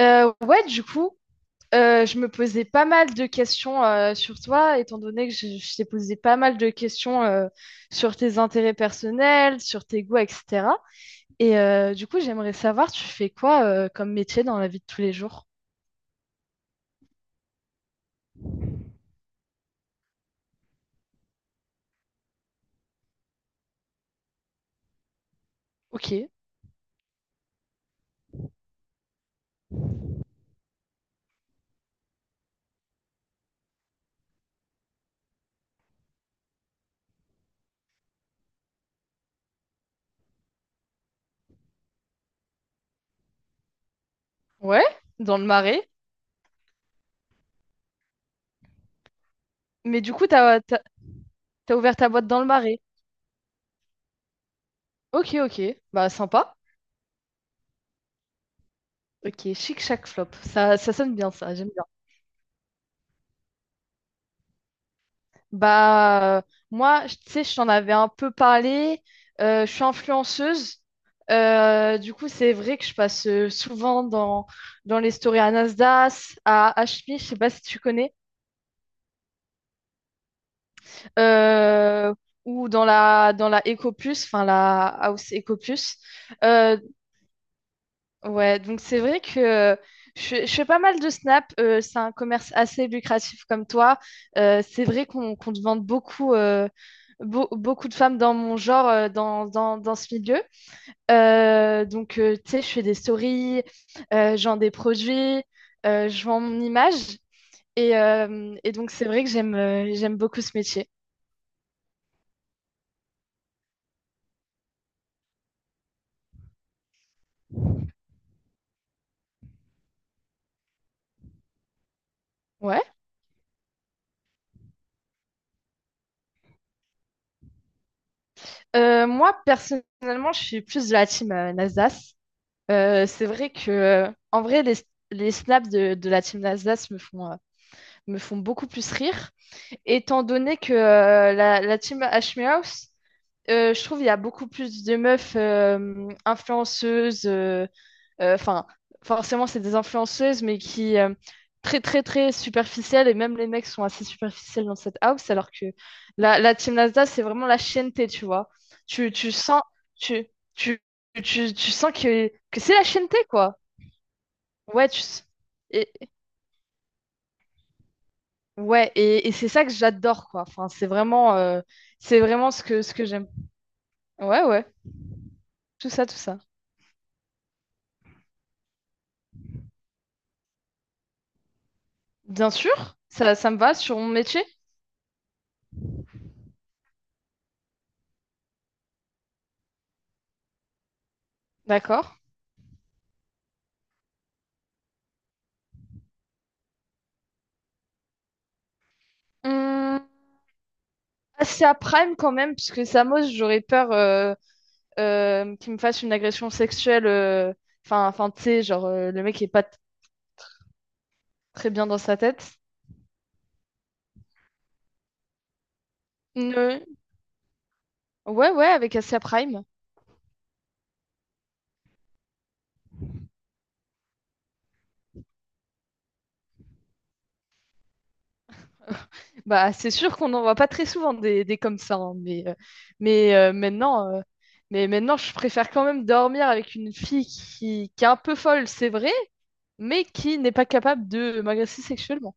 Ouais, du coup, je me posais pas mal de questions sur toi, étant donné que je t'ai posé pas mal de questions sur tes intérêts personnels, sur tes goûts, etc. Et du coup, j'aimerais savoir, tu fais quoi comme métier dans la vie de tous les jours? Ok, ouais, dans le Marais. Mais du coup, t'as ouvert ta boîte dans le Marais. Ok, ok, bah sympa. Ok, Chic Chac Flop. Ça sonne bien, ça, j'aime. Bah, moi, tu sais, je t'en avais un peu parlé. Je suis influenceuse. Du coup, c'est vrai que je passe souvent dans, les stories à Nasdaq, à HMI, je sais pas si tu connais, euh, ou dans la Ecoplus, enfin la House Ecoplus. Ouais, donc c'est vrai que je fais pas mal de snap. C'est un commerce assez lucratif comme toi. C'est vrai qu'on demande beaucoup, beaucoup de femmes dans mon genre, dans ce milieu. Donc, tu sais, je fais des stories, je vends des produits, je vends mon image. Et donc, c'est vrai que j'aime beaucoup ce métier. Ouais. Moi, personnellement, je suis plus de la team Nasdaq. C'est vrai que, en vrai, les snaps de la team d'Alsace me font beaucoup plus rire, étant donné que la, team Ashmehouse, je trouve il y a beaucoup plus de meufs influenceuses, enfin, forcément, c'est des influenceuses, mais qui. Très, très, très superficielles, et même les mecs sont assez superficiels dans cette house, alors que la team d'Alsace, c'est vraiment la chienneté, tu vois. Tu sens, tu, tu, tu sens que c'est la chienneté, quoi. Ouais, et, ouais, et c'est ça que j'adore, quoi. Enfin, c'est vraiment ce que j'aime. Ouais, ouais, tout ça, tout ça. Bien sûr, ça me va sur mon métier. D'accord. Hum, Assez à Prime quand même, puisque Samos, j'aurais peur qu'il me fasse une agression sexuelle. Enfin, enfin, tu sais, genre, le mec est pas très bien dans sa tête. Ne- Ouais, ouais, avec Asia Prime. Bah, c'est sûr qu'on n'en voit pas très souvent des comme ça, hein, mais, euh, maintenant, euh, mais maintenant, je préfère quand même dormir avec une fille qui est un peu folle, c'est vrai, mais qui n'est pas capable de m'agresser sexuellement.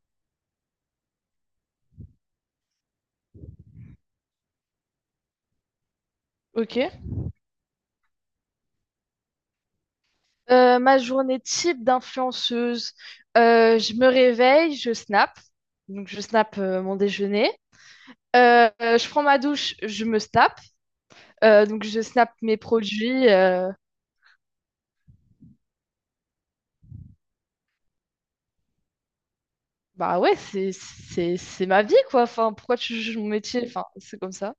Ok. Ma journée type d'influenceuse, je me réveille, je snap, donc je snap mon déjeuner. Je prends ma douche, je me snap, donc je snap mes produits. Bah ouais, c'est ma vie quoi. Enfin, pourquoi tu juges mon métier? Enfin, c'est comme ça.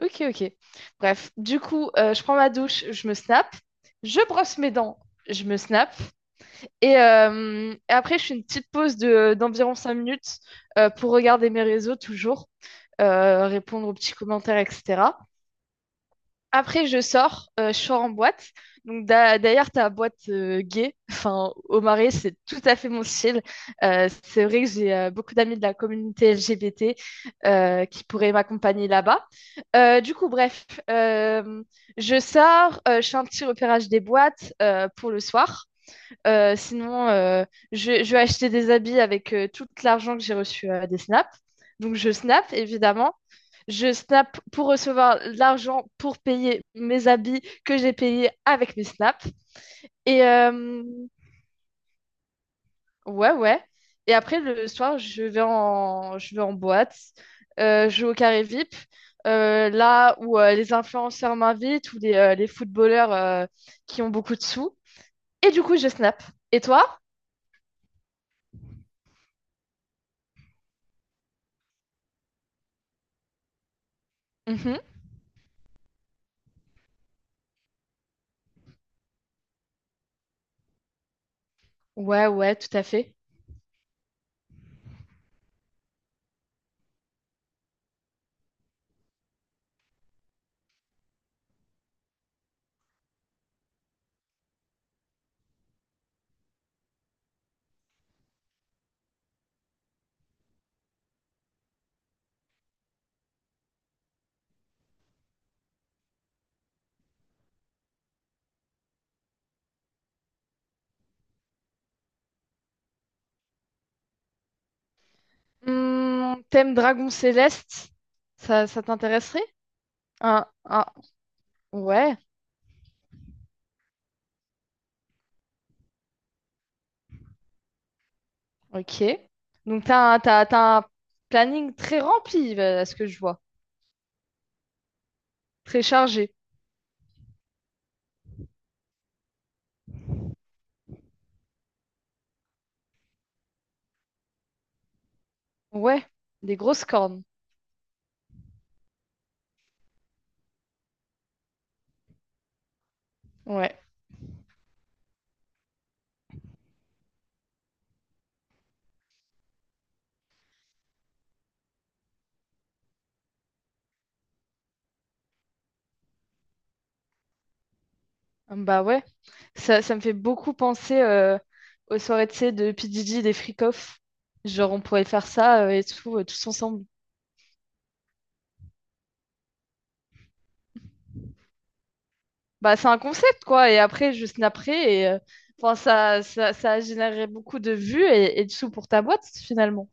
Ok, ok. Bref, du coup, je prends ma douche, je me snap, je brosse mes dents, je me snap, et après je fais une petite pause de d'environ 5 minutes pour regarder mes réseaux toujours, répondre aux petits commentaires, etc. Après, je sors en boîte. Donc, d'ailleurs, ta boîte gay, enfin, au Marais, c'est tout à fait mon style. C'est vrai que j'ai beaucoup d'amis de la communauté LGBT qui pourraient m'accompagner là-bas. Du coup, bref, je sors, je fais un petit repérage des boîtes pour le soir. Sinon, je vais acheter des habits avec tout l'argent que j'ai reçu des snaps. Donc, je snap, évidemment. Je snap pour recevoir l'argent pour payer mes habits que j'ai payés avec mes snaps. Et euh, ouais, ouais. Et après, le soir, je vais en boîte. Je vais au carré VIP. Là où les influenceurs m'invitent ou les footballeurs qui ont beaucoup de sous. Et du coup, je snap. Et toi? Ouais, ouais, tout à fait. Thème Dragon Céleste, ça t'intéresserait? Un, un- ouais, ok. Donc t'as un planning très rempli, à ce que je vois. Très chargé. Ouais, des grosses cornes. Ouais. Bah ouais, ça me fait beaucoup penser aux soirées, tu sais, de PDG, des freak-off. Genre, on pourrait faire ça et tout, tous ensemble. Bah, c'est un concept, quoi. Et après, juste après, enfin, ça a généré beaucoup de vues et de sous pour ta boîte, finalement.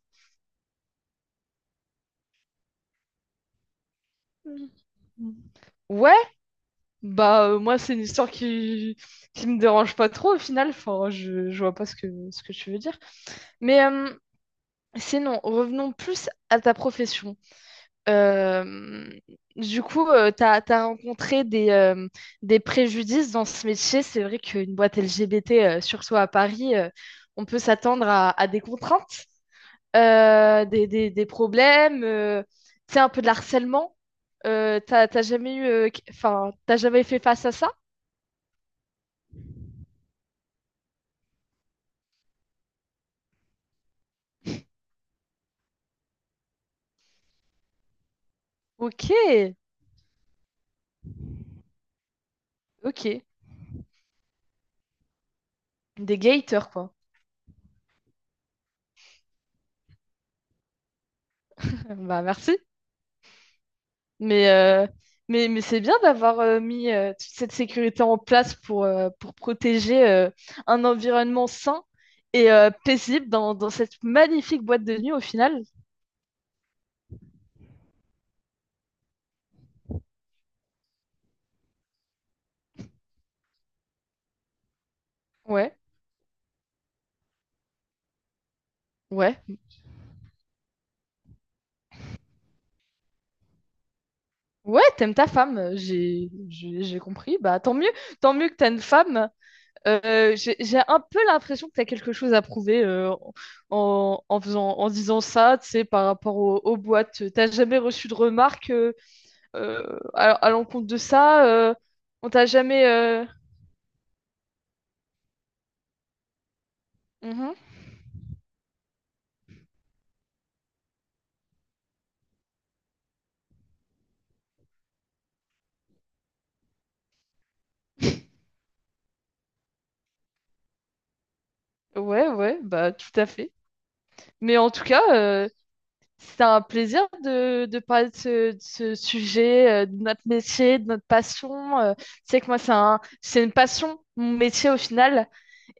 Mhm. Ouais, bah, moi, c'est une histoire qui me dérange pas trop, au final. Enfin, je vois pas ce que tu veux dire. Mais, sinon, revenons plus à ta profession. Euh, du coup, t'as rencontré des préjudices dans ce métier. C'est vrai qu'une boîte LGBT, surtout à Paris, on peut s'attendre à des contraintes. Des problèmes, tu sais, un peu de harcèlement. T'as jamais eu, enfin, t'as jamais fait face à ça? Ok, ok. Des gators, quoi. Bah, merci. Mais, euh, mais c'est bien d'avoir mis toute cette sécurité en place pour protéger un environnement sain et paisible dans, dans cette magnifique boîte de nuit au final. Ouais, ouais. Ouais, t'aimes ta femme, j'ai compris. Bah tant mieux que t'as une femme. J'ai un peu l'impression que tu as quelque chose à prouver en disant ça, tu sais, par rapport aux, boîtes. T'as jamais reçu de remarques à l'encontre de ça. On t'a jamais. Mhm. Ouais, ouais, bah tout à fait. Mais en tout cas, c'était un plaisir de parler de ce sujet, de notre métier, de notre passion. Tu sais que moi, c'est une passion, mon métier au final.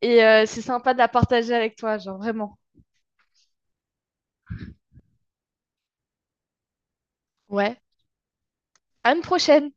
Et c'est sympa de la partager avec toi, genre vraiment. Ouais. À une prochaine!